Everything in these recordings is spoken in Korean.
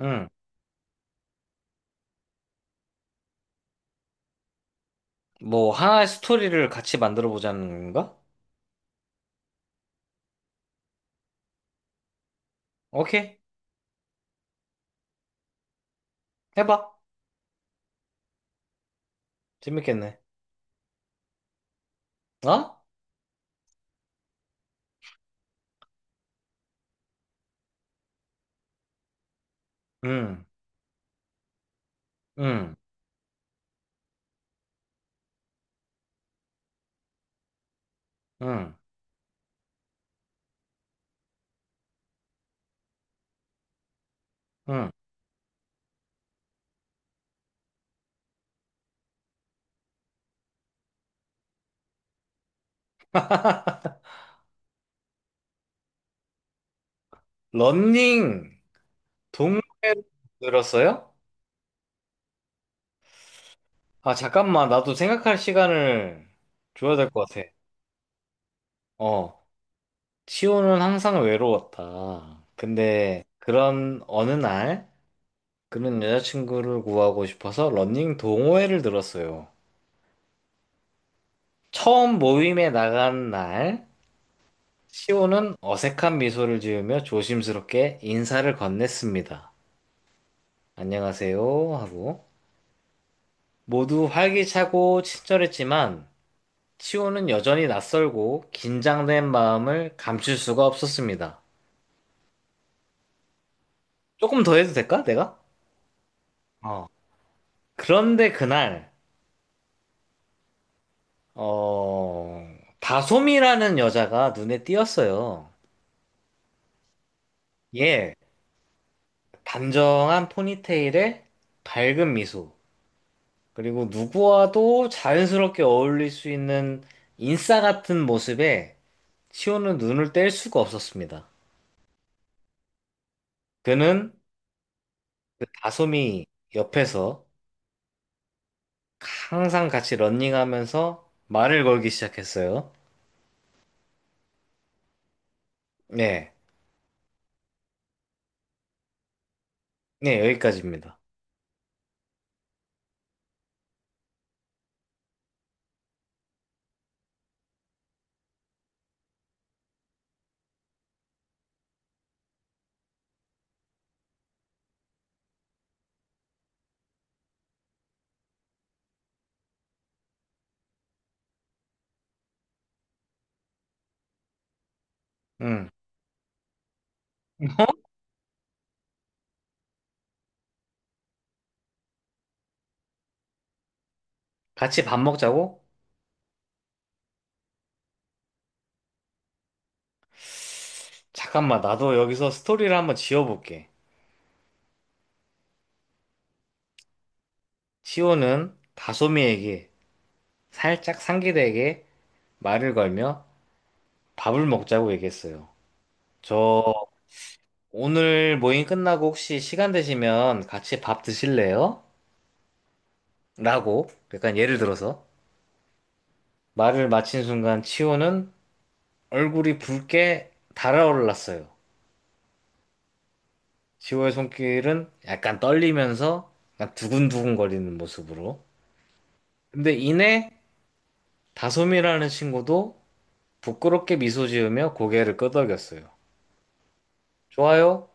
응. 뭐, 하나의 스토리를 같이 만들어 보자는 건가? 오케이. 해봐. 재밌겠네. 어? 응, 응, 응, 응. 러닝 동호회를 들었어요? 아, 잠깐만. 나도 생각할 시간을 줘야 될 것 같아. 어. 치호는 항상 외로웠다. 근데 그런 어느 날 그는 여자친구를 구하고 싶어서 러닝 동호회를 들었어요. 처음 모임에 나간 날 시온은 어색한 미소를 지으며 조심스럽게 인사를 건넸습니다. 안녕하세요 하고 모두 활기차고 친절했지만 시온은 여전히 낯설고 긴장된 마음을 감출 수가 없었습니다. 조금 더 해도 될까? 내가? 어. 그런데 그날 어 다솜이라는 여자가 눈에 띄었어요. 예, 단정한 포니테일에 밝은 미소. 그리고 누구와도 자연스럽게 어울릴 수 있는 인싸 같은 모습에 시호는 눈을 뗄 수가 없었습니다. 그는 그 다솜이 옆에서 항상 같이 런닝하면서 말을 걸기 시작했어요. 네, 네, 여기까지입니다. 음, 같이 밥 먹자고? 잠깐만, 나도 여기서 스토리를 한번 지어볼게. 시호는 다솜이에게 살짝 상기되게 말을 걸며 밥을 먹자고 얘기했어요. 저 오늘 모임 끝나고 혹시 시간 되시면 같이 밥 드실래요? 라고 약간 예를 들어서 말을 마친 순간 치호는 얼굴이 붉게 달아올랐어요. 치호의 손길은 약간 떨리면서 약간 두근두근 거리는 모습으로. 근데 이내 다솜이라는 친구도 부끄럽게 미소 지으며 고개를 끄덕였어요. 좋아요.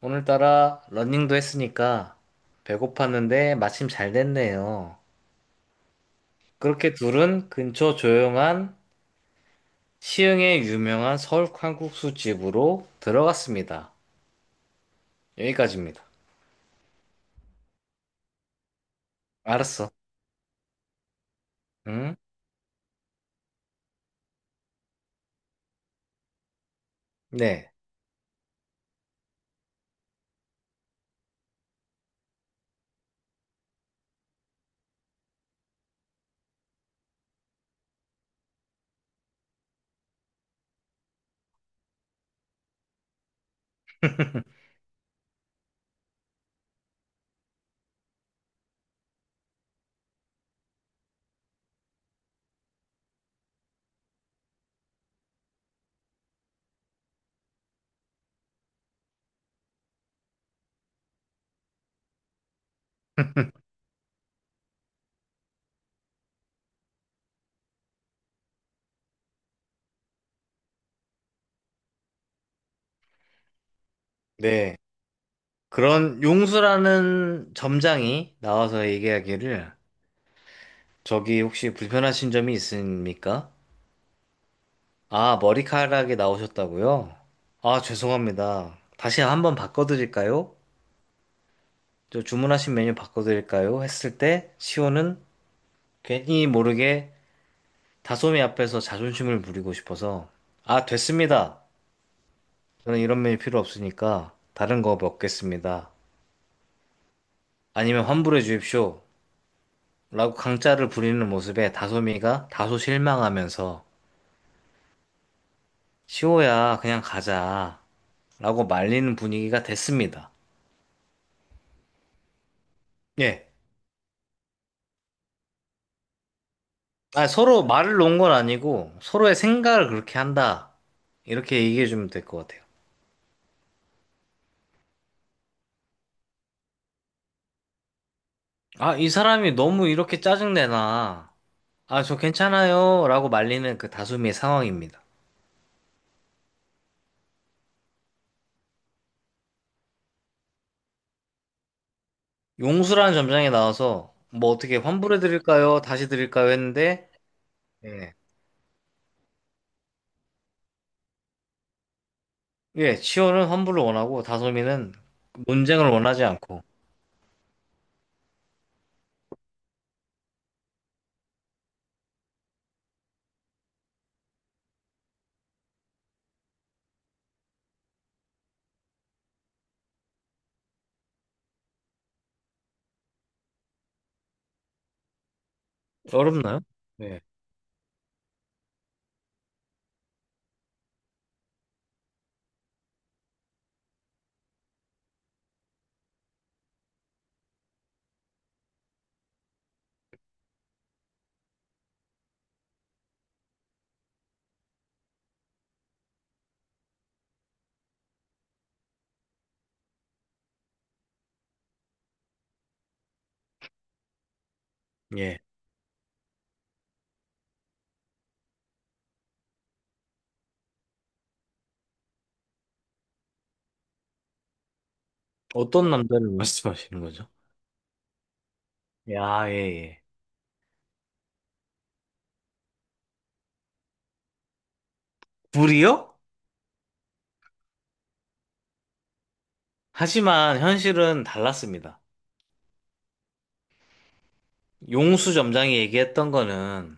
오늘따라 러닝도 했으니까 배고팠는데 마침 잘 됐네요. 그렇게 둘은 근처 조용한 시흥의 유명한 서울 칼국수 집으로 들어갔습니다. 여기까지입니다. 알았어. 응? 네. 네. 그런 용수라는 점장이 나와서 얘기하기를 저기 혹시 불편하신 점이 있습니까? 아, 머리카락이 나오셨다고요? 아, 죄송합니다. 다시 한번 바꿔드릴까요? 저 주문하신 메뉴 바꿔드릴까요? 했을 때 시호는 괜히 모르게 다솜이 앞에서 자존심을 부리고 싶어서 아, 됐습니다. 저는 이런 메일 필요 없으니까 다른 거 먹겠습니다. 아니면 환불해 주십시오. 라고 강짜를 부리는 모습에 다솜이가 다소 실망하면서 시호야, 그냥 가자. 라고 말리는 분위기가 됐습니다. 예. 아, 서로 말을 놓은 건 아니고 서로의 생각을 그렇게 한다. 이렇게 얘기해 주면 될 것 같아요. 아, 이 사람이 너무 이렇게 짜증내나. 아, 저 괜찮아요. 라고 말리는 그 다솜이의 상황입니다. 용수라는 점장이 나와서 뭐 어떻게 환불해 드릴까요? 다시 드릴까요? 했는데 예. 예, 치호는 환불을 원하고 다솜이는 논쟁을 원하지 않고 어렵나요? 예. 예. 어떤 남자를 말씀하시는 거죠? 야, 예, 예. 불이요? 하지만 현실은 달랐습니다. 용수 점장이 얘기했던 거는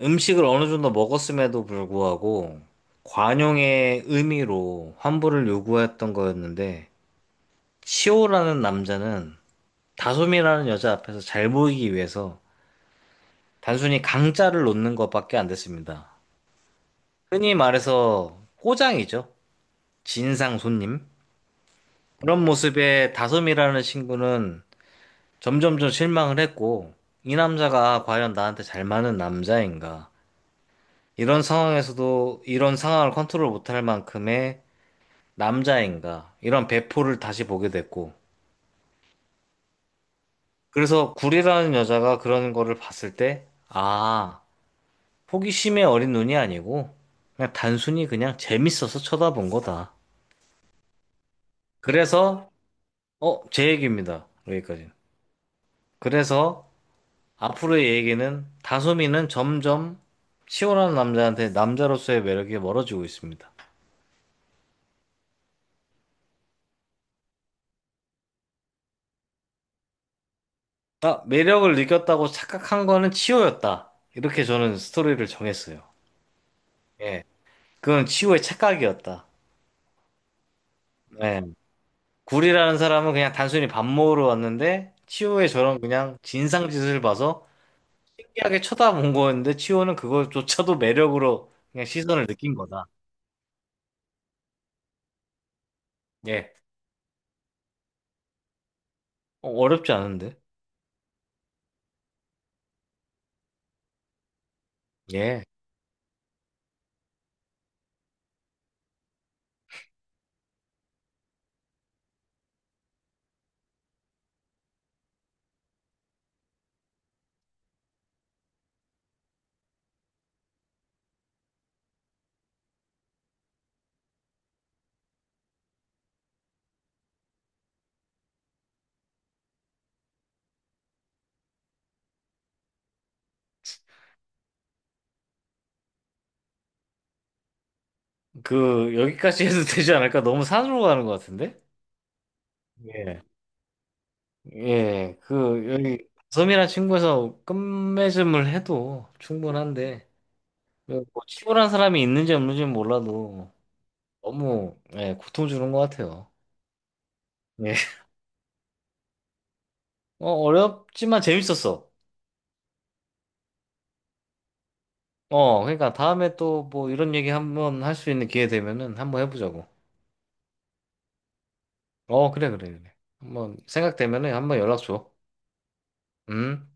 음식을 어느 정도 먹었음에도 불구하고 관용의 의미로 환불을 요구했던 거였는데 치호라는 남자는 다솜이라는 여자 앞에서 잘 보이기 위해서 단순히 강짜를 놓는 것밖에 안 됐습니다. 흔히 말해서 호장이죠. 진상 손님. 그런 모습에 다솜이라는 친구는 점점점 실망을 했고, 이 남자가 과연 나한테 잘 맞는 남자인가? 이런 상황에서도 이런 상황을 컨트롤 못 할 만큼의 남자인가? 이런 배포를 다시 보게 됐고. 그래서 구리라는 여자가 그런 거를 봤을 때, 아, 호기심의 어린 눈이 아니고 그냥 단순히 그냥 재밌어서 쳐다본 거다. 그래서 어, 제 얘기입니다. 여기까지. 그래서 앞으로의 얘기는 다솜이는 점점 시원한 남자한테 남자로서의 매력이 멀어지고 있습니다. 아, 매력을 느꼈다고 착각한 거는 치호였다. 이렇게 저는 스토리를 정했어요. 예. 그건 치호의 착각이었다. 예. 굴이라는 사람은 그냥 단순히 밥 먹으러 왔는데 치호의 저런 그냥 진상짓을 봐서 신기하게 쳐다본 거였는데 치호는 그것조차도 매력으로 그냥 시선을 느낀 거다. 예. 어, 어렵지 않은데? 예. 그 여기까지 해도 되지 않을까? 너무 산으로 가는 것 같은데? 예. 예. 그 여기 섬이란 친구에서 끝맺음을 해도 충분한데 그 뭐 치호란 사람이 있는지 없는지는 몰라도 너무 예, 고통 주는 것 같아요. 예. 어, 어렵지만 재밌었어. 어, 그러니까 다음에 또 뭐 이런 얘기 한번 할 수 있는 기회 되면은 한번 해보자고. 어, 그래, 그래, 그래. 한번 생각되면은 한번 연락 줘. 음.